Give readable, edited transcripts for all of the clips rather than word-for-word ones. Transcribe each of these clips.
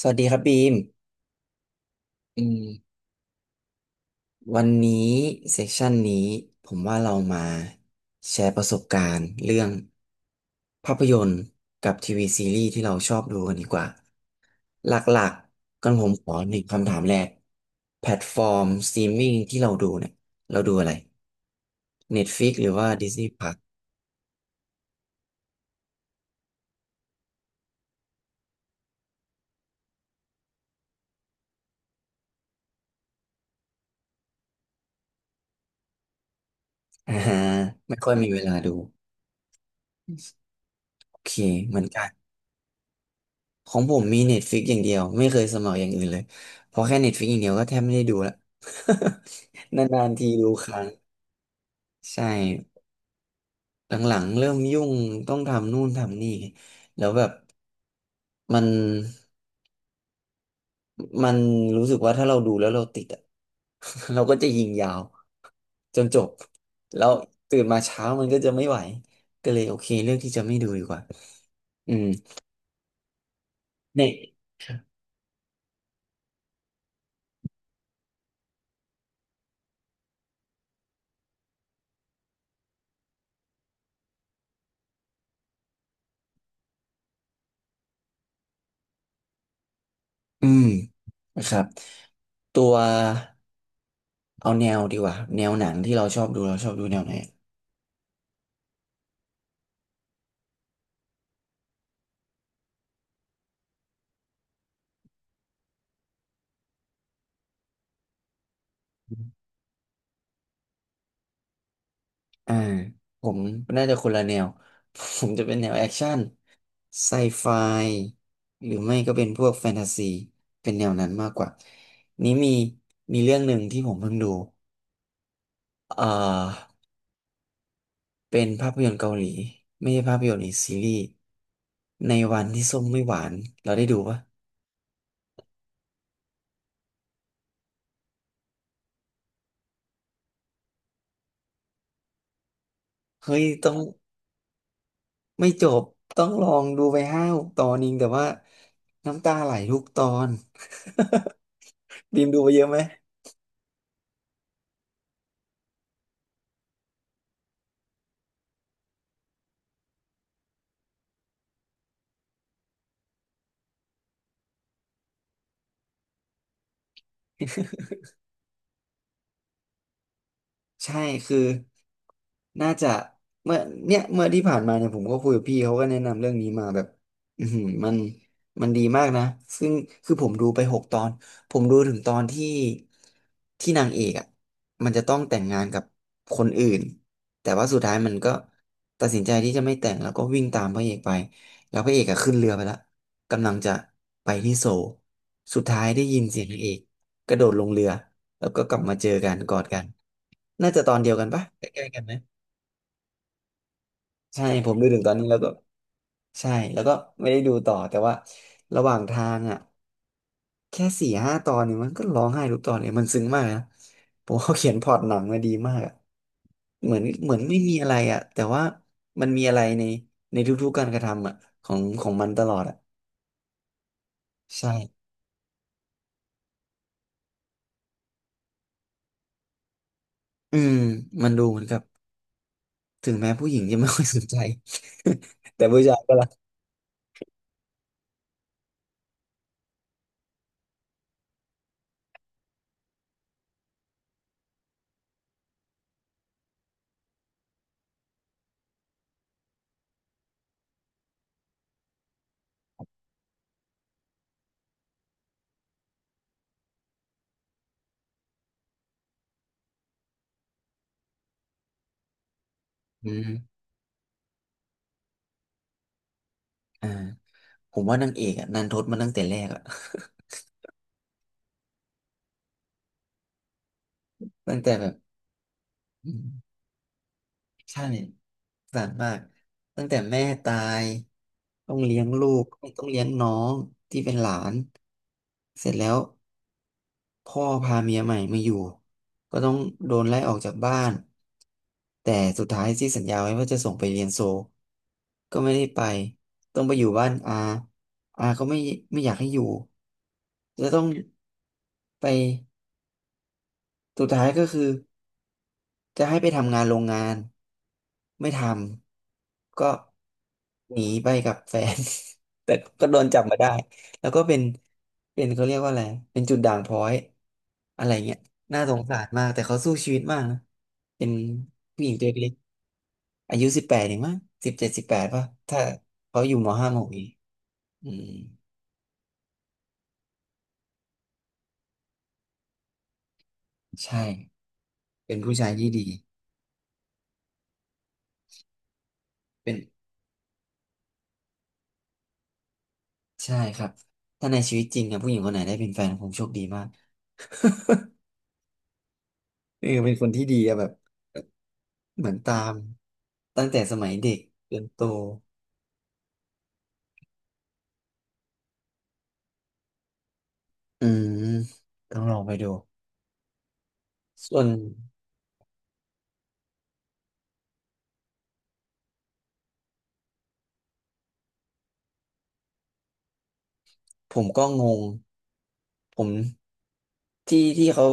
สวัสดีครับบีมอืมวันนี้เซสชันนี้ผมว่าเรามาแชร์ประสบการณ์เรื่องภาพยนตร์กับทีวีซีรีส์ที่เราชอบดูกันดีกว่า หลักๆกันผมขอหนึ่งคำถามแรกแพลตฟอร์มสตรีมมิ่งที่เราดูเนี่ยเราดูอะไร Netflix หรือว่า Disney Plus อ่าฮะไม่ค่อยมีเวลาดูโอเคเหมือนกัน ของผมมี Netflix อย่างเดียวไม่เคยสมัครอย่างอื่นเลยเพราะแค่ Netflix อย่างเดียวก็แทบไม่ได้ดูละ นานๆทีดูครั้งใช่หลังๆเริ่มยุ่งต้องทำนู่นทำนี่แล้วแบบมันมันรู้สึกว่าถ้าเราดูแล้วเราติดอะ เราก็จะยิงยาวจนจบแล้วตื่นมาเช้ามันก็จะไม่ไหวก็เลยโอเคเลือกที่จะไม่ดูดีกว่าอืมเนี่ยอืมนะครับตัว เอาแนวดีกว่าแนวหนังที่เราชอบดูเราชอบดูแนวไหนอ่าผมน่าจะคนละแนว ผมจะเป็นแนวแอคชั่นไซไฟหรือไม่ก็เป็นพวกแฟนตาซีเป็นแนวนั้นมากกว่านี้มีเรื่องหนึ่งที่ผมเพิ่งดูเอ่อเป็นภาพยนตร์เกาหลีไม่ใช่ภาพยนตร์หรือซีรีส์ในวันที่ส้มไม่หวานเราได้ดูปะเฮ้ยต้องไม่จบต้องลองดูไป5-6 ตอนเองแต่ว่าน้ำตาไหลทุกตอน บีมดูไปเยอะไหมใช่คือน่าจะเมื่อเมื่อที่ผ่านมาเนี่ยผมก็คุยกับพี่เขาก็แนะนำเรื่องนี้มาแบบอือหือมันดีมากนะซึ่งคือผมดูไปหกตอนผมดูถึงตอนที่นางเอกอ่ะมันจะต้องแต่งงานกับคนอื่นแต่ว่าสุดท้ายมันก็ตัดสินใจที่จะไม่แต่งแล้วก็วิ่งตามพระเอกไปแล้วพระเอกอะขึ้นเรือไปแล้วกำลังจะไปที่โซลสุดท้ายได้ยินเสียงนางเอกกระโดดลงเรือ แล้วก็กลับมาเจอกันกอดกันน่าจะตอนเดียวกันปะใกล้ๆกันนะใช่ผมดูถึงตอนนี้แล้วก็ใช่แล้วก็ไม่ได้ดูต่อแต่ว่าระหว่างทางอ่ะแค่4-5 ตอนเนี่ยมันก็ร้องไห้ทุกตอนเลยมันซึ้งมากนะผมว่าเขาเขียนพล็อตหนังมาดีมากอะเหมือนเหมือนไม่มีอะไรอ่ะแต่ว่ามันมีอะไรในทุกๆการกระทำอ่ะของมันตลอดอ่ะใช่อืมมันดูเหมือนกับถึงแม้ผู้หญิงจะไม่ค่อยสนใจ แต่ผู้ชายก็รักอืมอ่า ผมว่านางเอกอะนันทดมาตั้งแต่แรกอะ ตั้งแต่แบบอืมใช่สงสารมากตั้งแต่แม่ตายต้องเลี้ยงลูกต้องเลี้ยงน้องที่เป็นหลานเสร็จแล้วพ่อพาเมียใหม่มาอยู่ก็ต้องโดนไล่ออกจากบ้านแต่สุดท้ายที่สัญญาไว้ว่าจะส่งไปเรียนโซลก็ไม่ได้ไปต้องไปอยู่บ้านอาอาก็ไม่อยากให้อยู่จะต้องไปสุดท้ายก็คือ จะให้ไปทำงานโรงงานไม่ทำก็หนีไปกับแฟน แต่ก็โดนจับมาได้แล้วก็เป็นเขาเรียกว่าอะไรเป็นจุดด่างพร้อยอะไรเงี้ยน่าสงสารมากแต่เขาสู้ชีวิตมากนะเป็นผู้หญิงตัวเล็กๆอายุสิบแปดเองมั้ง17-18ป่ะถ้าเขาอยู่มห้ามหกเองอืมใช่เป็นผู้ชายที่ดีเป็น ใช่ครับ ถ้าในชีวิตจริงอะผู้หญิงคนไหนได้เป็นแฟนผมโชคดีมาก เออเป็นคนที่ดีอะแบบเหมือนตามตั้งแต่สมัยเด็กจนโตอืมต้องลองไปดู ส่วนผมก็งงผมที่เขา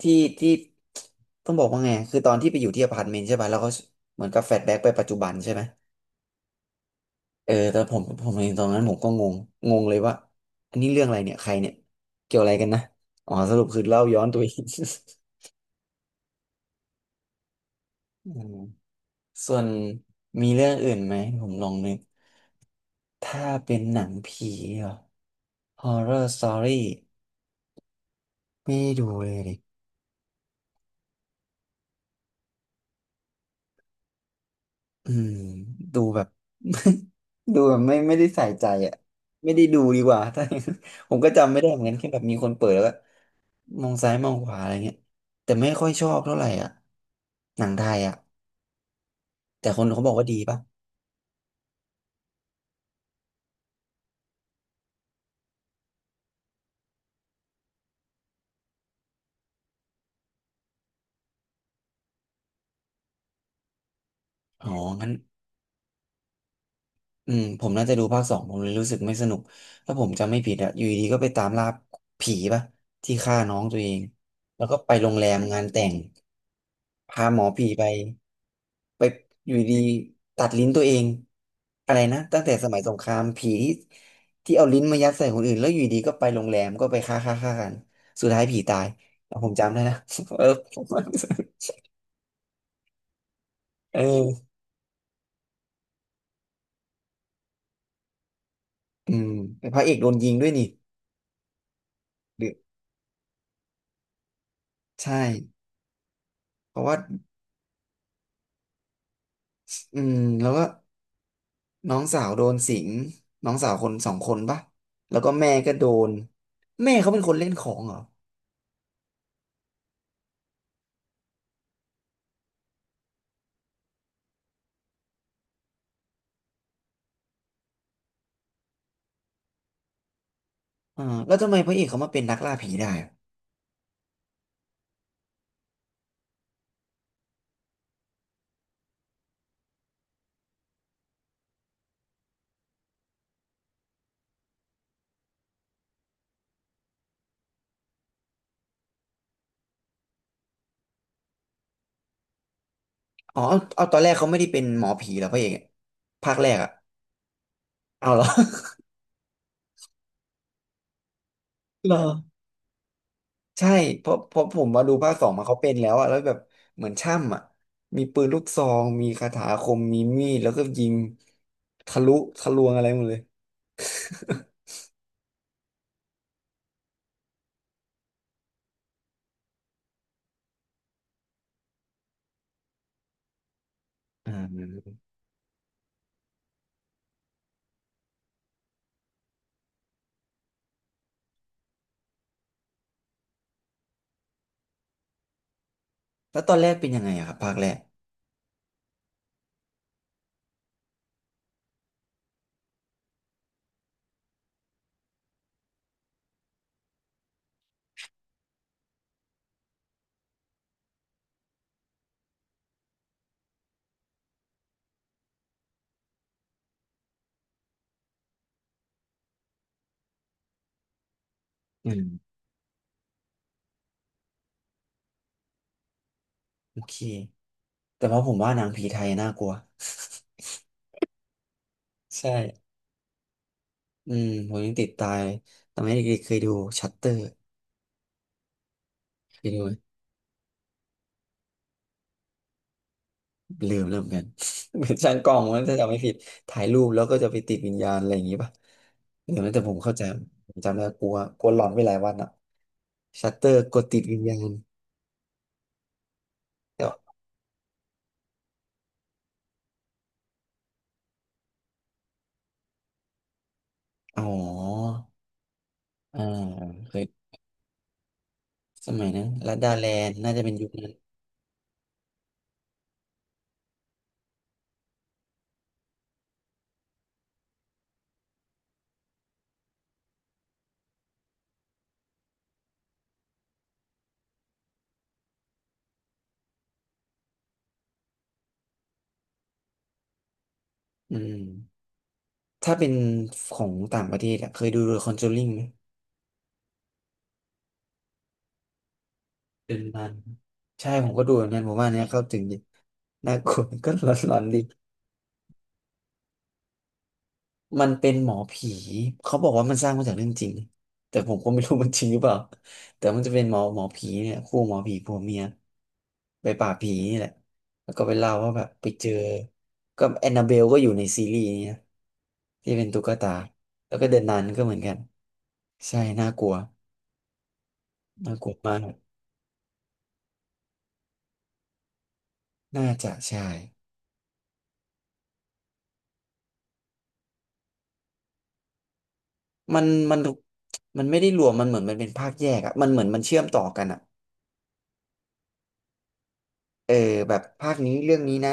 ที่ที่ต้องบอกว่าไงคือตอนที่ไปอยู่ที่อพาร์ตเมนต์ใช่ป่ะแล้วเขาเหมือนกับแฟลชแบ็กไปปัจจุบันใช่ไหม เออแต่ผมเห็นตอนนั้นผมก็งงงงเลยว่าอันนี้เรื่องอะไรเนี่ยใครเนี่ยเกี่ยวอะไรกันนะอ๋อสรุปคือเล่าย้อนตัวเอง อืมส่วนมีเรื่องอื่นไหมผมลองนึกถ้าเป็นหนังผีเหรอ Horror Story ไม่ได้ดูเลยดิ อืมดูแบบ ดูแบบไม่ได้ใส่ใจอ่ะไม่ได้ดูดีกว่า ถ้าอย่างนั้นผมก็จำไม่ได้เหมือนกันแค่แบบมีคนเปิดแล้วก็มองซ้ายมองขวาอะไรเงี้ยแต่ไม่ค่อยชอบเท่าไหร่อ่ะหนังไทยอ่ะแต่คนเขาบอกว่าดีป่ะอ๋องั้นอืมผมน่าจะดูภาค 2ผมเลยรู้สึกไม่สนุกถ้าผมจำไม่ผิดอ่ะอยู่ดีๆก็ไปตามล่าผีป่ะที่ฆ่าน้องตัวเองแล้วก็ไปโรงแรมงานแต่ง พาหมอผีไปไปอยู่ดีตัดลิ้นตัวเองอะไรนะตั้งแต่สมัยสงครามผีที่เอาลิ้นมายัดใส่คนอื่นแล้วอยู่ดีก็ไปโรงแรมก็ไปฆ่าฆ่าฆ่ากันสุดท้ายผีตายเอาผมจำได้นะ เออ ผมว่าเอออืมพระเอกโดนยิงด้วยนี่หรือใช่เพราะว่าอืมแล้วก็น้องสาวโดนสิงน้องสาวคนสองคนปะแล้วก็แม่ก็โดนแม่เขาเป็นคนเล่นของเหรอแล้วทำไมพระเอกเขามาเป็นนักล่าผีได้ อ๋อเอาตอนแรกเขาไม่ได้เป็นหมอผีเหรอพระเอกอะภาคแรกอะเอาเหรอ เหรอใช่เพราะผมมาดูภาคสองมาเขาเป็นแล้วอะแล้วแบบเหมือนช่ำอะมีปืนลูกซองมีคาถาอาคมมีมีดแล้วก็ยิงทะลุทะลวงอะไรหมดเลยอืมแล้วตอนแรกเป็นยังไงอะครับภาคแรกอืมโอเคแต่ว่าผมว่าหนังผีไทยน่ากลัวใช่อืมผมยังติดตายตอนนี้เด็กๆเคยดูชัตเตอร์เคยดู ลืมเริืมอนกัน เหมือนช่างกล้องมันถ้าจำไม่ผิดถ่ายรูปแล้วก็จะไปติดวิญญาณอะไรอย่างงี้ป่ะหรือไ้่แต่ผมเข้าใจผมจำได้กลัวกลัวหลอนไปหลายวันอ่ะชัตเตอร์กดติดวิญญาณ แต่ว่าอ๋ออ่าเคยสมัยนั้นลัดดาแลนด์น่าจะเป็นยุคนั้นอืมถ้าเป็นของต่างประเทศอะเคยดูเดอะคอนจูริงไหมเดินมันใช่ผมก็ดูแบบนั้นผมว่านเนี้ยเข้าถึงดีน่ากลัว ก็หลอนๆดี มันเป็นหมอผี เขาบอกว่ามันสร้างมาจากเรื่องจริงแต่ผมก็ไม่รู้มันจริงหรือเปล่าแต่มันจะเป็นหมอผีเนี่ยคู่หมอผีผัวเมียไปป่าบผีนี่แหละ แล้วก็ไปเล่าว่าแบบไปเจอ ก็แอนนาเบลก็อยู่ในซีรีส์นี้นะที่เป็นตุ๊กตา แล้วก็เดอะนันก็เหมือนกันใช่น่ากลัวน่ากลัวมาก น่าจะใช่ มันมันมันไม่ได้รวมมันเหมือนมันเป็นภาคแยกอะมันเหมือนมันเชื่อมต่อกันอะ เออแบบภาคนี้เรื่องนี้นะ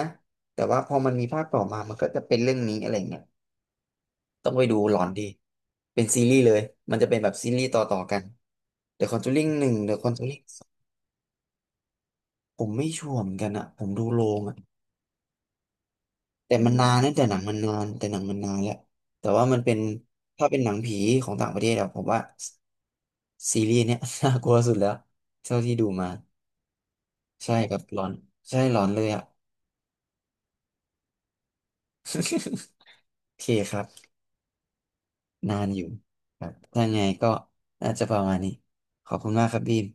แต่ว่าพอมันมีภาคต่อมามันก็จะเป็นเรื่องนี้อะไรเงี้ยต้องไปดูหลอนดีเป็นซีรีส์เลยมันจะเป็นแบบซีรีส์ต่อต่อกัน The Conjuring 1 The Conjuring 2ผมไม่ชัวร์เหมือนกันอะผมดูโรงอะแต่มันนานนะแต่หนังมันนานแต่หนังมันนานแล้วแต่ว่ามันเป็นถ้าเป็นหนังผีของต่างประเทศอะผมว่าซีรีส์เนี้ย น่ากลัวสุดแล้วเท่าที่ดูมาใช่ครับหลอนใช่หลอนเลยอะ โอเคครับ นานอยู่ครับถ้าไงก็น่าจะประมาณนี้ ขอบคุณมากครับบีม